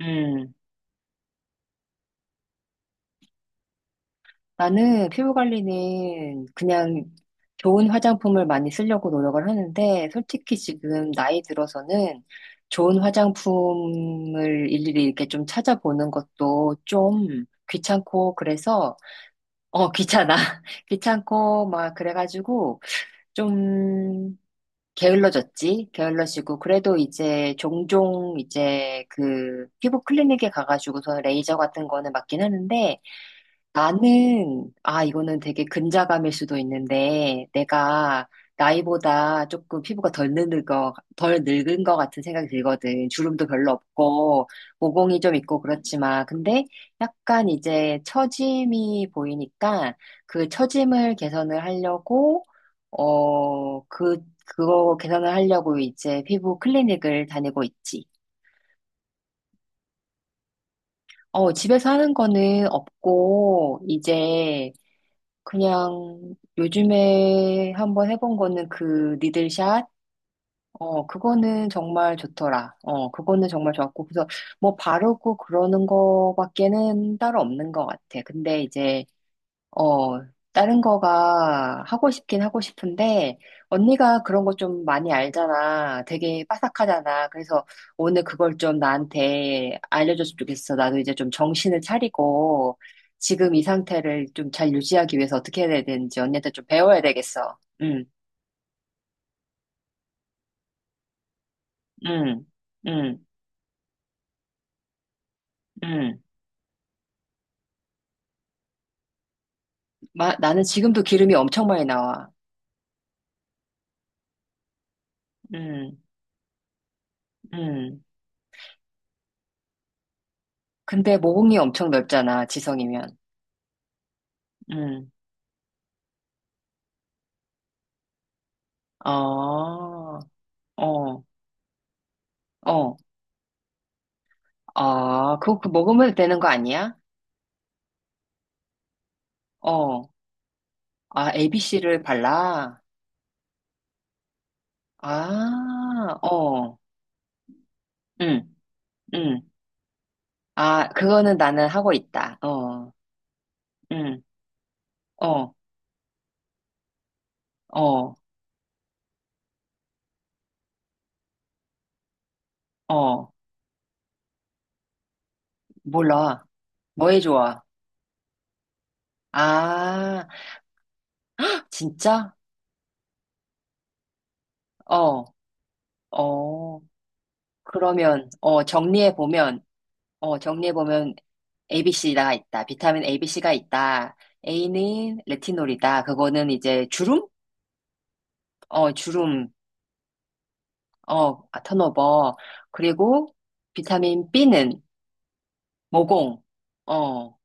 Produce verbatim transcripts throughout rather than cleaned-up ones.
음, 나는 피부 관리는 그냥 좋은 화장품을 많이 쓰려고 노력을 하는데, 솔직히 지금 나이 들어서는 좋은 화장품을 일일이 이렇게 좀 찾아보는 것도 좀 귀찮고, 그래서, 어, 귀찮아. 귀찮고, 막, 그래가지고, 좀, 게을러졌지? 게을러지고, 그래도 이제 종종 이제 그 피부 클리닉에 가가지고서 레이저 같은 거는 맞긴 하는데, 나는, 아, 이거는 되게 근자감일 수도 있는데, 내가 나이보다 조금 피부가 덜 늙은 거, 덜 늙은 거 같은 생각이 들거든. 주름도 별로 없고, 모공이 좀 있고 그렇지만, 근데 약간 이제 처짐이 보이니까, 그 처짐을 개선을 하려고, 어, 그, 그거 개선을 하려고 이제 피부 클리닉을 다니고 있지. 어, 집에서 하는 거는 없고, 이제, 그냥 요즘에 한번 해본 거는 그 니들샷? 어, 그거는 정말 좋더라. 어, 그거는 정말 좋았고. 그래서 뭐 바르고 그러는 거밖에는 따로 없는 것 같아. 근데 이제 어, 다른 거가 하고 싶긴 하고 싶은데, 언니가 그런 거 좀 많이 알잖아. 되게 빠삭하잖아. 그래서 오늘 그걸 좀 나한테 알려줬으면 좋겠어. 나도 이제 좀 정신을 차리고, 지금 이 상태를 좀 잘 유지하기 위해서 어떻게 해야 되는지 언니한테 좀 배워야 되겠어. 응, 응, 응, 응. 마, 나는 지금도 기름이 엄청 많이 나와. 응, 응. 근데 모공이 엄청 넓잖아, 지성이면. 응. 아, 어. 어, 아, 그거 그 먹으면 되는 거 아니야? 어, 아, 에이비씨를 발라? 아, 어, 응, 응. 아, 그거는 나는 하고 있다. 어, 응, 어, 어, 어, 몰라. 뭐에 좋아? 아, 진짜? 어, 어, 그러면, 어, 정리해보면, 어, 정리해보면 에이비씨가 있다. 비타민 에이비씨가 있다. 에이는 레티놀이다. 그거는 이제 주름? 어, 주름, 어, 아, 턴오버. 그리고 비타민 비는 모공, 어,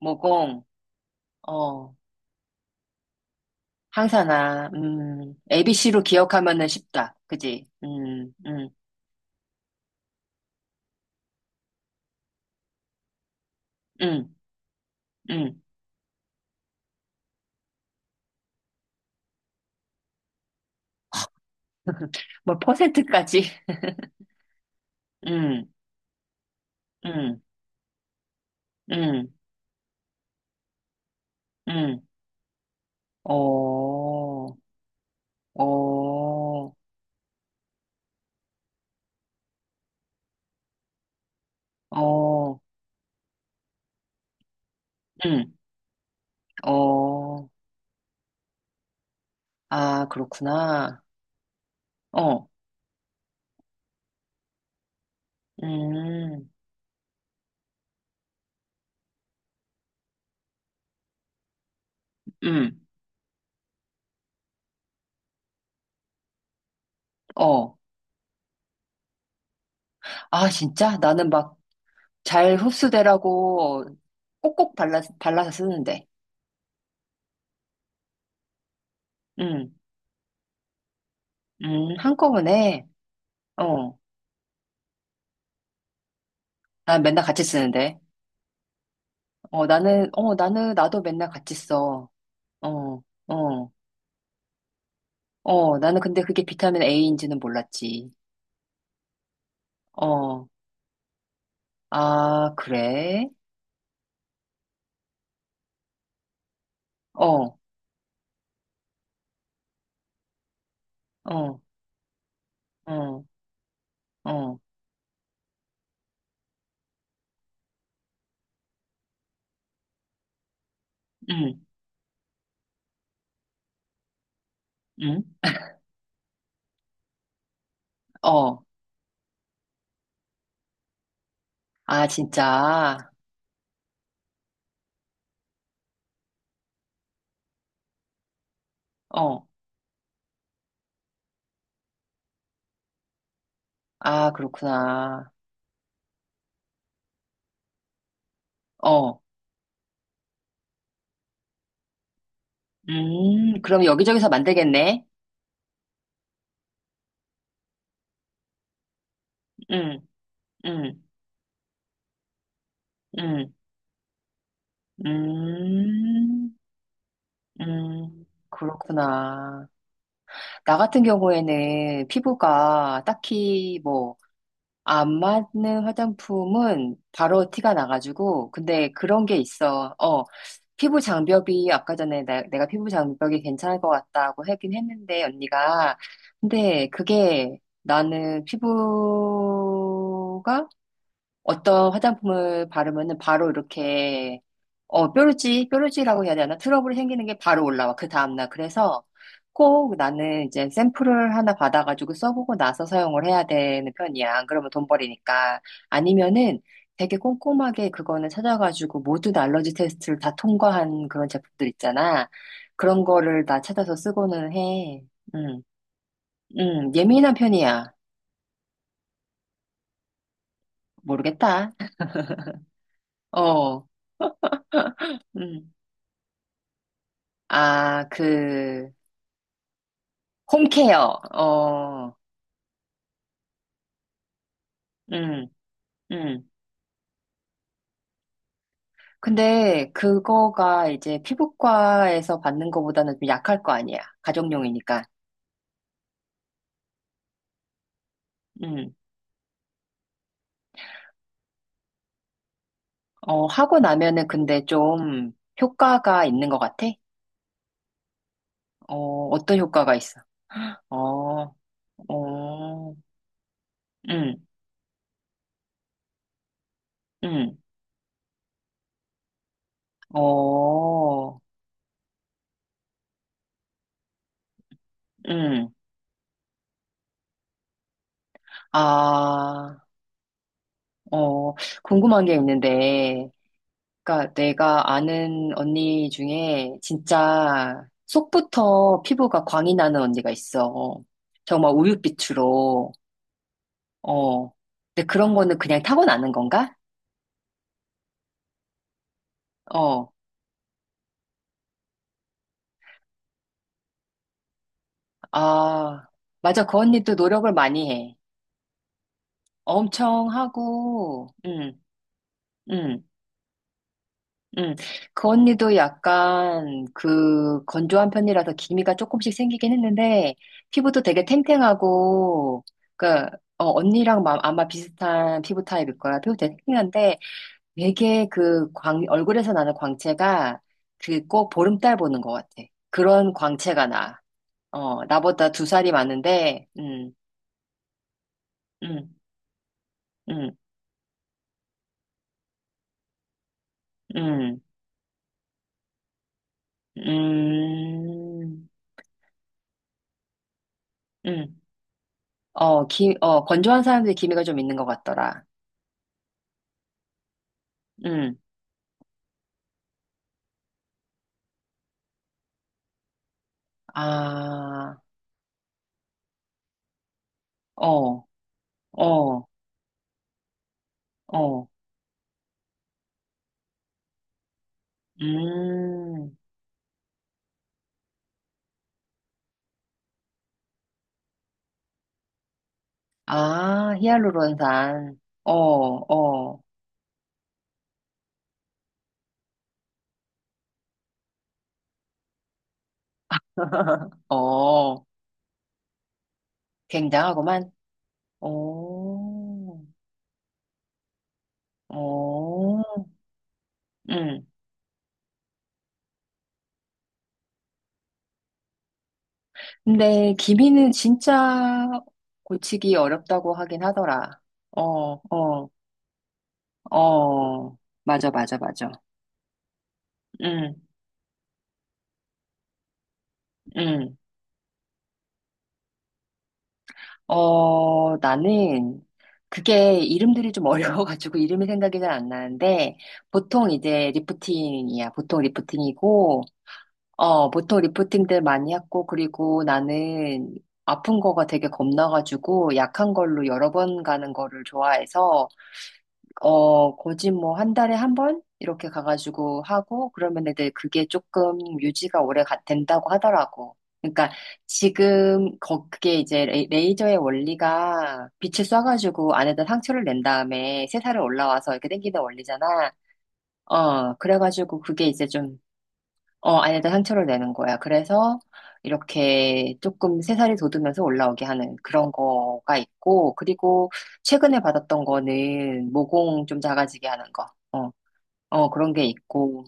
모공, 어, 항산화, 음, 에이비씨로 기억하면은 쉽다. 그지? 음, 음, 음, 음. 뭐, 퍼센트까지? 음, 음, 음, 음. 어, 어, 어, 음, 어. 아, 그렇구나. 어, 음, 음, 어. 아, 진짜? 나는 막 잘 흡수되라고 꼭꼭 발라, 발라서 쓰는데. 음, 음, 한꺼번에. 어, 난 맨날 같이 쓰는데. 어, 나는, 어, 나는, 나도 맨날 같이 써. 어, 어, 어, 나는 근데 그게 비타민 A인지는 몰랐지. 어, 아, 그래? 어, 어, 어, 어, 음, 음, 어, 아, 진짜. 어, 아, 그렇구나. 어, 음, 그럼 여기저기서 만들겠네? 음, 음. 음, 음, 음, 그렇구나. 나 같은 경우에는 피부가 딱히 뭐, 안 맞는 화장품은 바로 티가 나가지고, 근데 그런 게 있어. 어, 피부 장벽이, 아까 전에 나- 내가 피부 장벽이 괜찮을 것 같다고 하긴 했는데, 언니가. 근데 그게 나는 피부가 어떤 화장품을 바르면은 바로 이렇게 어, 뾰루지, 뾰루지라고 해야 되나? 트러블이 생기는 게 바로 올라와, 그 다음날. 그래서 꼭 나는 이제 샘플을 하나 받아가지고 써보고 나서 사용을 해야 되는 편이야. 안 그러면 돈 버리니까. 아니면은 되게 꼼꼼하게 그거는 찾아가지고 모든 알러지 테스트를 다 통과한 그런 제품들 있잖아. 그런 거를 다 찾아서 쓰고는 해. 음, 음, 예민한 편이야. 모르겠다. 어, 음. 아, 그, 홈케어. 어, 음, 음. 근데 그거가 이제 피부과에서 받는 거보다는 좀 약할 거 아니야. 가정용이니까. 음. 어, 하고 나면은 근데 좀 효과가 있는 것 같아? 어, 어떤 효과가 있어? 어, 어, 음, 음, 어, 음. 아, 어, 궁금한 게 있는데, 그러니까 내가 아는 언니 중에 진짜 속부터 피부가 광이 나는 언니가 있어. 정말 우윳빛으로. 어. 근데 그런 거는 그냥 타고나는 건가? 어. 아, 맞아. 그 언니도 노력을 많이 해. 엄청 하고, 응, 응. 음, 그 언니도 약간 그 건조한 편이라서 기미가 조금씩 생기긴 했는데 피부도 되게 탱탱하고 그 어, 언니랑 마- 아마 비슷한 피부 타입일 거야. 피부 되게 탱탱한데 되게 그 광, 얼굴에서 나는 광채가 그 꼭 보름달 보는 것 같아. 그런 광채가 나. 어, 나보다 두 살이 많은데, 음, 음, 음, 음, 음, 음. 어, 기, 어, 건조한 사람들이 기미가 좀 있는 것 같더라. 응. 아, 어, 어, 어. 음. 아, 히알루론산. 어, 어, 어. 굉장하구만. 오, 오. 응. 근데 기미는 진짜 고치기 어렵다고 하긴 하더라. 어, 어, 어. 맞아, 맞아, 맞아. 응, 응. 어, 나는 그게 이름들이 좀 어려워가지고 이름이 생각이 잘 안 나는데 보통 이제 리프팅이야. 보통 리프팅이고, 어, 보통 리프팅들 많이 했고, 그리고 나는 아픈 거가 되게 겁나가지고 약한 걸로 여러 번 가는 거를 좋아해서 어, 거진 뭐 한 달에 한 번? 이렇게 가가지고 하고, 그러면 애들 그게 조금 유지가 오래 가- 된다고 하더라고. 그러니까 지금, 거, 그게 이제 레- 레이저의 원리가 빛을 쏴가지고 안에다 상처를 낸 다음에 새살이 올라와서 이렇게 당기는 원리잖아. 어, 그래가지고 그게 이제 좀 어, 아니다, 상처를 내는 거야. 그래서 이렇게 조금 새살이 돋으면서 올라오게 하는 그런 거가 있고, 그리고 최근에 받았던 거는 모공 좀 작아지게 하는 거. 어, 어, 그런 게 있고.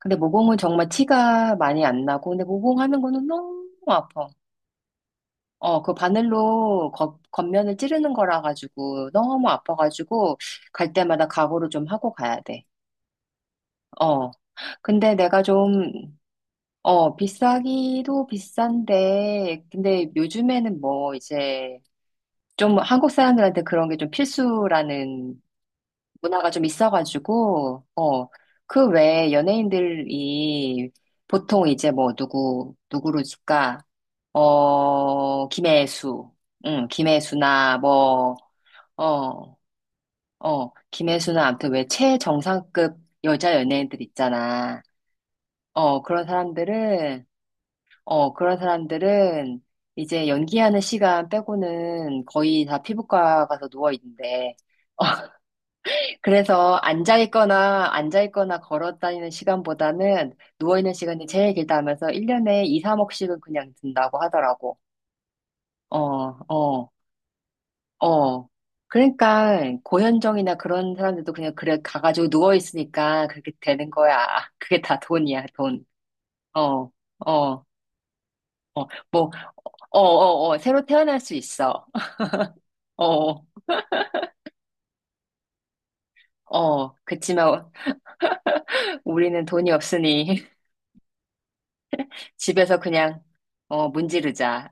근데 모공은 정말 티가 많이 안 나고, 근데 모공 하는 거는 너무 아파. 어, 그 바늘로 겉, 겉면을 찌르는 거라 가지고 너무 아파가지고 갈 때마다 각오를 좀 하고 가야 돼. 어. 근데 내가 좀 어, 비싸기도 비싼데, 근데 요즘에는 뭐 이제 좀 한국 사람들한테 그런 게 좀 필수라는 문화가 좀 있어가지고, 어, 그 외에 연예인들이 보통 이제 뭐 누구, 누구로 줄까? 어, 김혜수. 응, 김혜수나 뭐, 어, 어, 김혜수나 아무튼 왜 최정상급 여자 연예인들 있잖아. 어, 그런 사람들은 어, 그런 사람들은 이제 연기하는 시간 빼고는 거의 다 피부과 가서 누워 있는데, 그래서 앉아 있거나 앉아 있거나 걸어 다니는 시간보다는 누워 있는 시간이 제일 길다 하면서 일 년에 이, 삼억씩은 그냥 든다고 하더라고. 어, 어, 어. 그러니까 고현정이나 그런 사람들도 그냥 그래 가가지고 누워 있으니까 그렇게 되는 거야. 그게 다 돈이야, 돈. 어, 어, 어. 뭐, 어, 어, 어. 새로 태어날 수 있어. 어, 어, 그치만 우리는 돈이 없으니 집에서 그냥, 어, 문지르자.